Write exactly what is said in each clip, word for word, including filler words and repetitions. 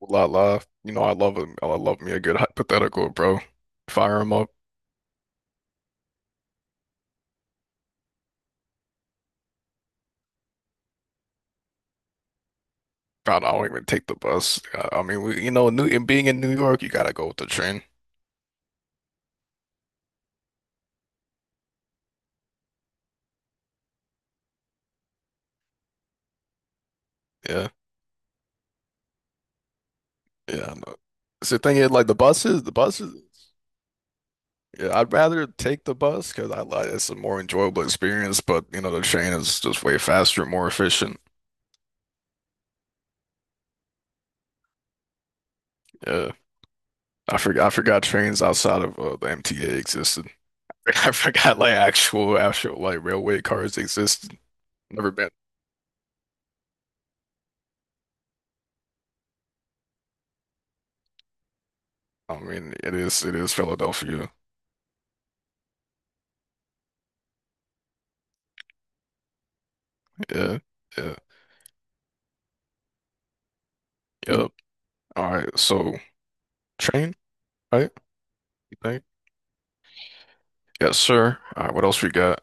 Lot Live. You know, I love it. I love me a good hypothetical, bro. Fire him up. God, I don't even take the bus. I, I mean, we, you know, New and being in New York, you gotta go with the train. Yeah, yeah. I know. So the thing is, like the buses, the buses. Yeah, I'd rather take the bus because I like it's a more enjoyable experience. But you know, the train is just way faster, and more efficient. Yeah, I forgot. I forgot trains outside of uh, the M T A existed. I forgot like actual, actual like railway cars existed. Never been. I mean, it is it is Philadelphia. Yeah, yeah, yep. All right, so train, right? You think? Yes, sir. All right, what else we got?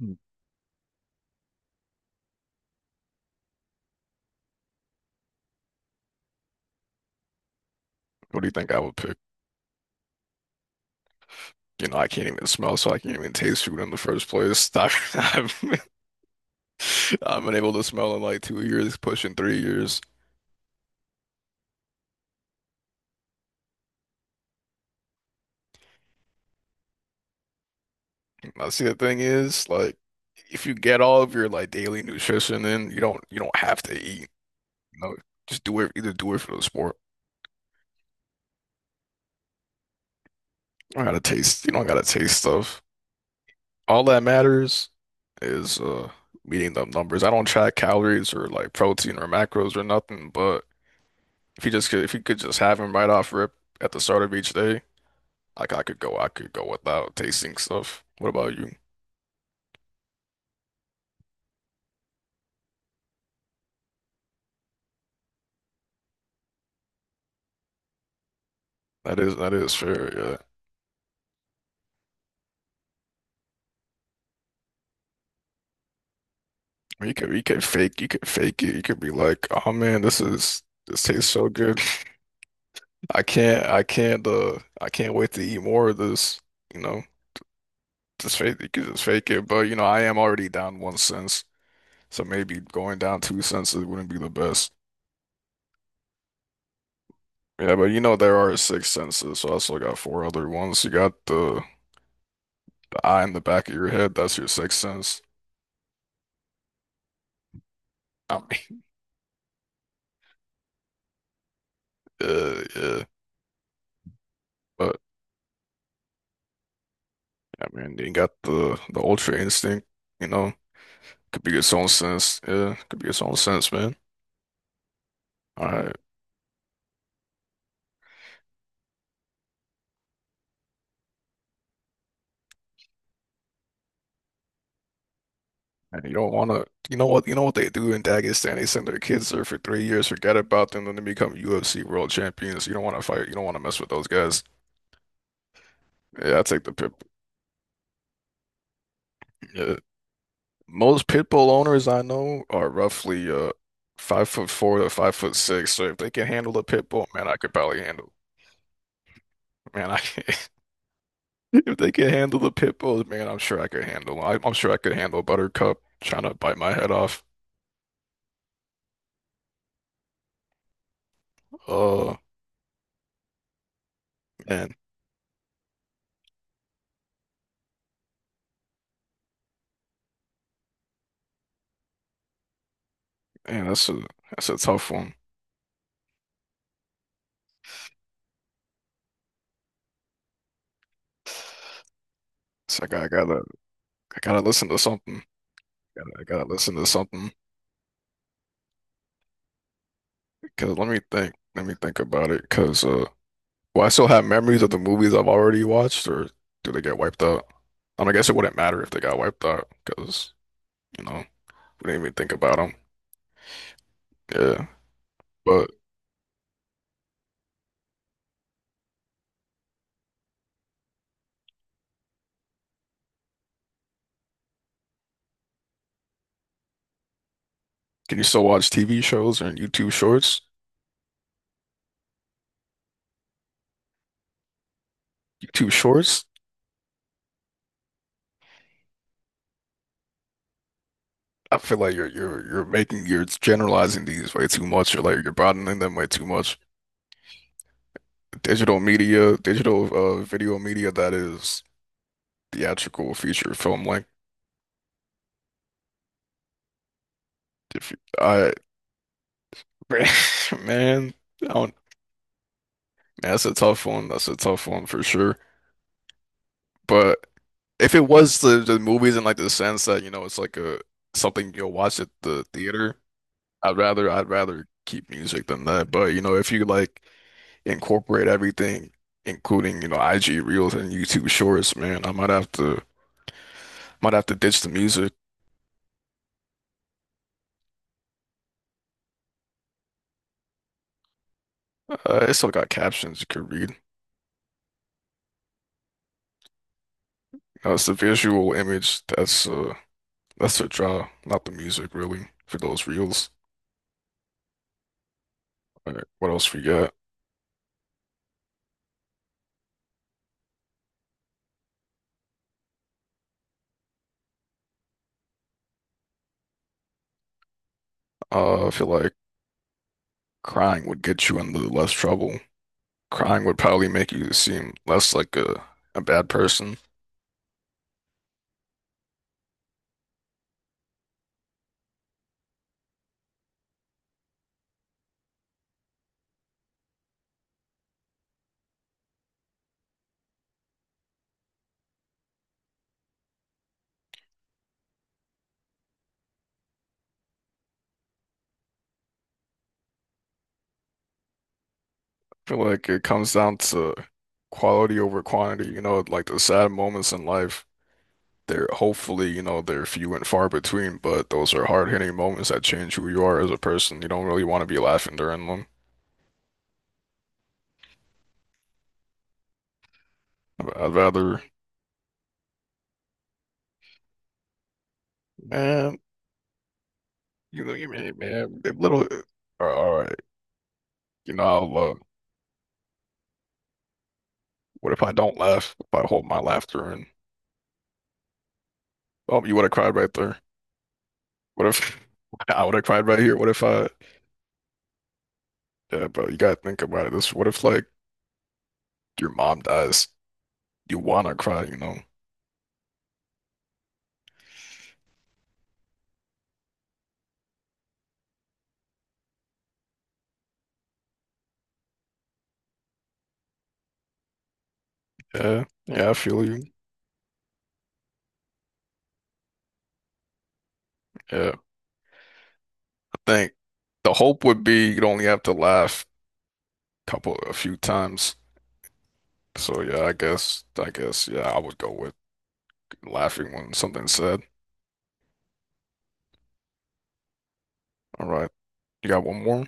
Hmm. What do you think I would pick? You know, I can't even smell, so I can't even taste food in the first place. I've, I've, I've been able to smell in like two years, pushing three years. Now, see, the thing is, like, if you get all of your like daily nutrition in, you don't you don't have to eat. You know, just do it. Either do it for the sport. I gotta taste. You don't gotta taste stuff. All that matters is uh meeting the numbers. I don't track calories or like protein or macros or nothing, but if you just could, if you could just have them right off rip at the start of each day, like I could go I could go without tasting stuff. What about you? That is that is fair, yeah. You could you could fake you could fake it. You could be like, oh man, this is this tastes so good. I can't I can't uh I can't wait to eat more of this, you know. Just fake you could just fake it, but you know, I am already down one sense. So maybe going down two senses wouldn't be the best. Yeah, but you know there are six senses, so I still got four other ones. You got the the eye in the back of your head, that's your sixth sense. I mean, uh, yeah. But yeah, I mean, you got the the ultra instinct, you know, could be its own sense. Yeah, could be its own sense, man. All right. And you don't wanna you know what you know what they do in Dagestan? They send their kids there for three years, forget about them, then they become U F C world champions. You don't wanna fight, you don't wanna mess with those guys. Yeah, I take the pip. Yeah. Most pit bull owners I know are roughly uh five foot four to five foot six. So if they can handle a pit bull, man, I could probably handle. Man, I if they can handle the pit bulls, man, I'm sure I could handle. I, I'm sure I could handle Buttercup trying to bite my head off. Oh man, man, that's a that's a tough one. So I gotta, I gotta I gotta listen to something. Gotta, I gotta listen to something. Cause let me think. Let me think about it. Cause uh. Will I still have memories of the movies I've already watched, or do they get wiped out? And I guess it wouldn't matter if they got wiped out because, you know, we didn't even think about them. Yeah. But can you still watch T V shows and YouTube shorts? YouTube shorts? I feel like you're you're you're making you're generalizing these way too much. You're like you're broadening them way too much. Digital media, digital uh video media that is theatrical feature film length. If you, I man, I don't, man, that's a tough one. That's a tough one for sure. But if it was the, the movies in like the sense that, you know, it's like a something you'll watch at the theater, I'd rather I'd rather keep music than that. But you know, if you like incorporate everything, including, you know, I G Reels and YouTube Shorts, man, I might have to might have to ditch the music. Uh, it's still got captions you could read. You know, it's the visual image that's uh that's the draw, not the music really, for those reels. All right, what else we got? Uh, I feel like crying would get you into less trouble. Crying would probably make you seem less like a, a bad person. I feel like it comes down to quality over quantity, you know, like the sad moments in life, they're hopefully, you know, they're few and far between, but those are hard-hitting moments that change who you are as a person. You don't really want to be laughing during them. I'd I'd rather, man, you know, you mean, man, a little, all all right, you know, I'll, uh, what if I don't laugh? If I hold my laughter in? Oh, you would have cried right there. What if I would have cried right here? What if I— yeah, bro, you gotta think about it. This, what if like your mom dies? You wanna cry, you know? Yeah, yeah, I feel you. Yeah, I think the hope would be you'd only have to laugh a couple, a few times. So yeah, I guess, I guess, yeah, I would go with laughing when something's said. All right, you got one more?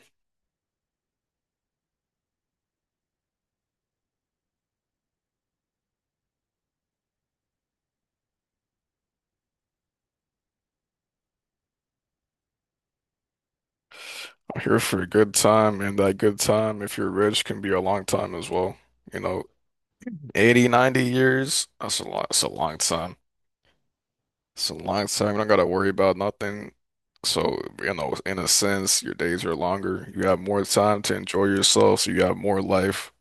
I'm here for a good time, and that good time, if you're rich, can be a long time as well. You know, eighty, ninety years, that's a lot, that's a long time. It's a long time. I don't gotta worry about nothing. So, you know, in a sense, your days are longer. You have more time to enjoy yourself, so you have more life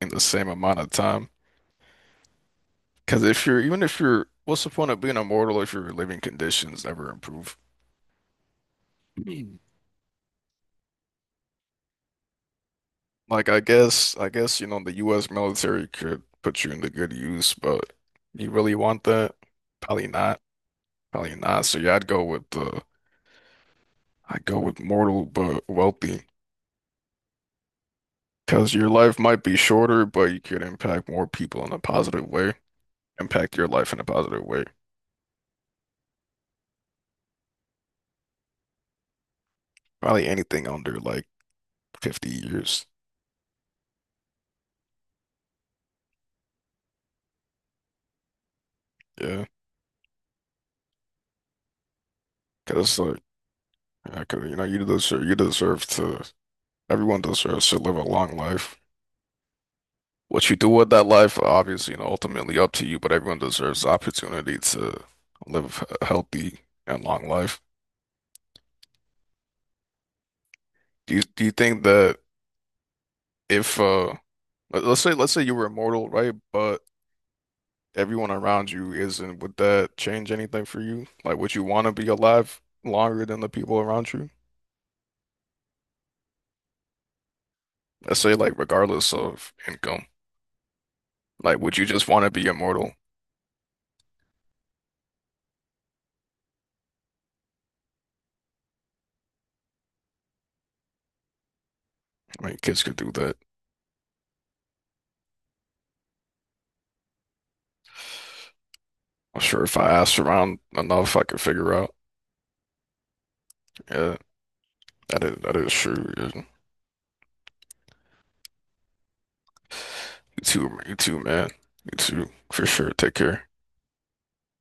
in the same amount of time. Because if you're, even if you're, what's the point of being immortal if your living conditions never improve? Hmm. Like, I guess, I guess, you know, the U S military could put you into good use, but you really want that? Probably not. Probably not. So, yeah, I'd go with uh, I'd go with mortal but wealthy. Because your life might be shorter, but you could impact more people in a positive way. Impact your life in a positive way. Probably anything under like fifty years. Yeah. Because like, yeah, 'cause, you know, you deserve, you deserve to, everyone deserves to live a long life. What you do with that life, obviously, you know, ultimately up to you, but everyone deserves the opportunity to live a healthy and long life. Do you, do you think that if, uh, let- let's say, let's say you were immortal, right? But everyone around you isn't, would that change anything for you? Like, would you want to be alive longer than the people around you? Let's say like regardless of income, like would you just want to be immortal? I mean, kids could do that. I'm sure if I asked around enough, I could figure out. Yeah, that is that is true. Yeah. You too, you too, man. You too, for sure. Take care.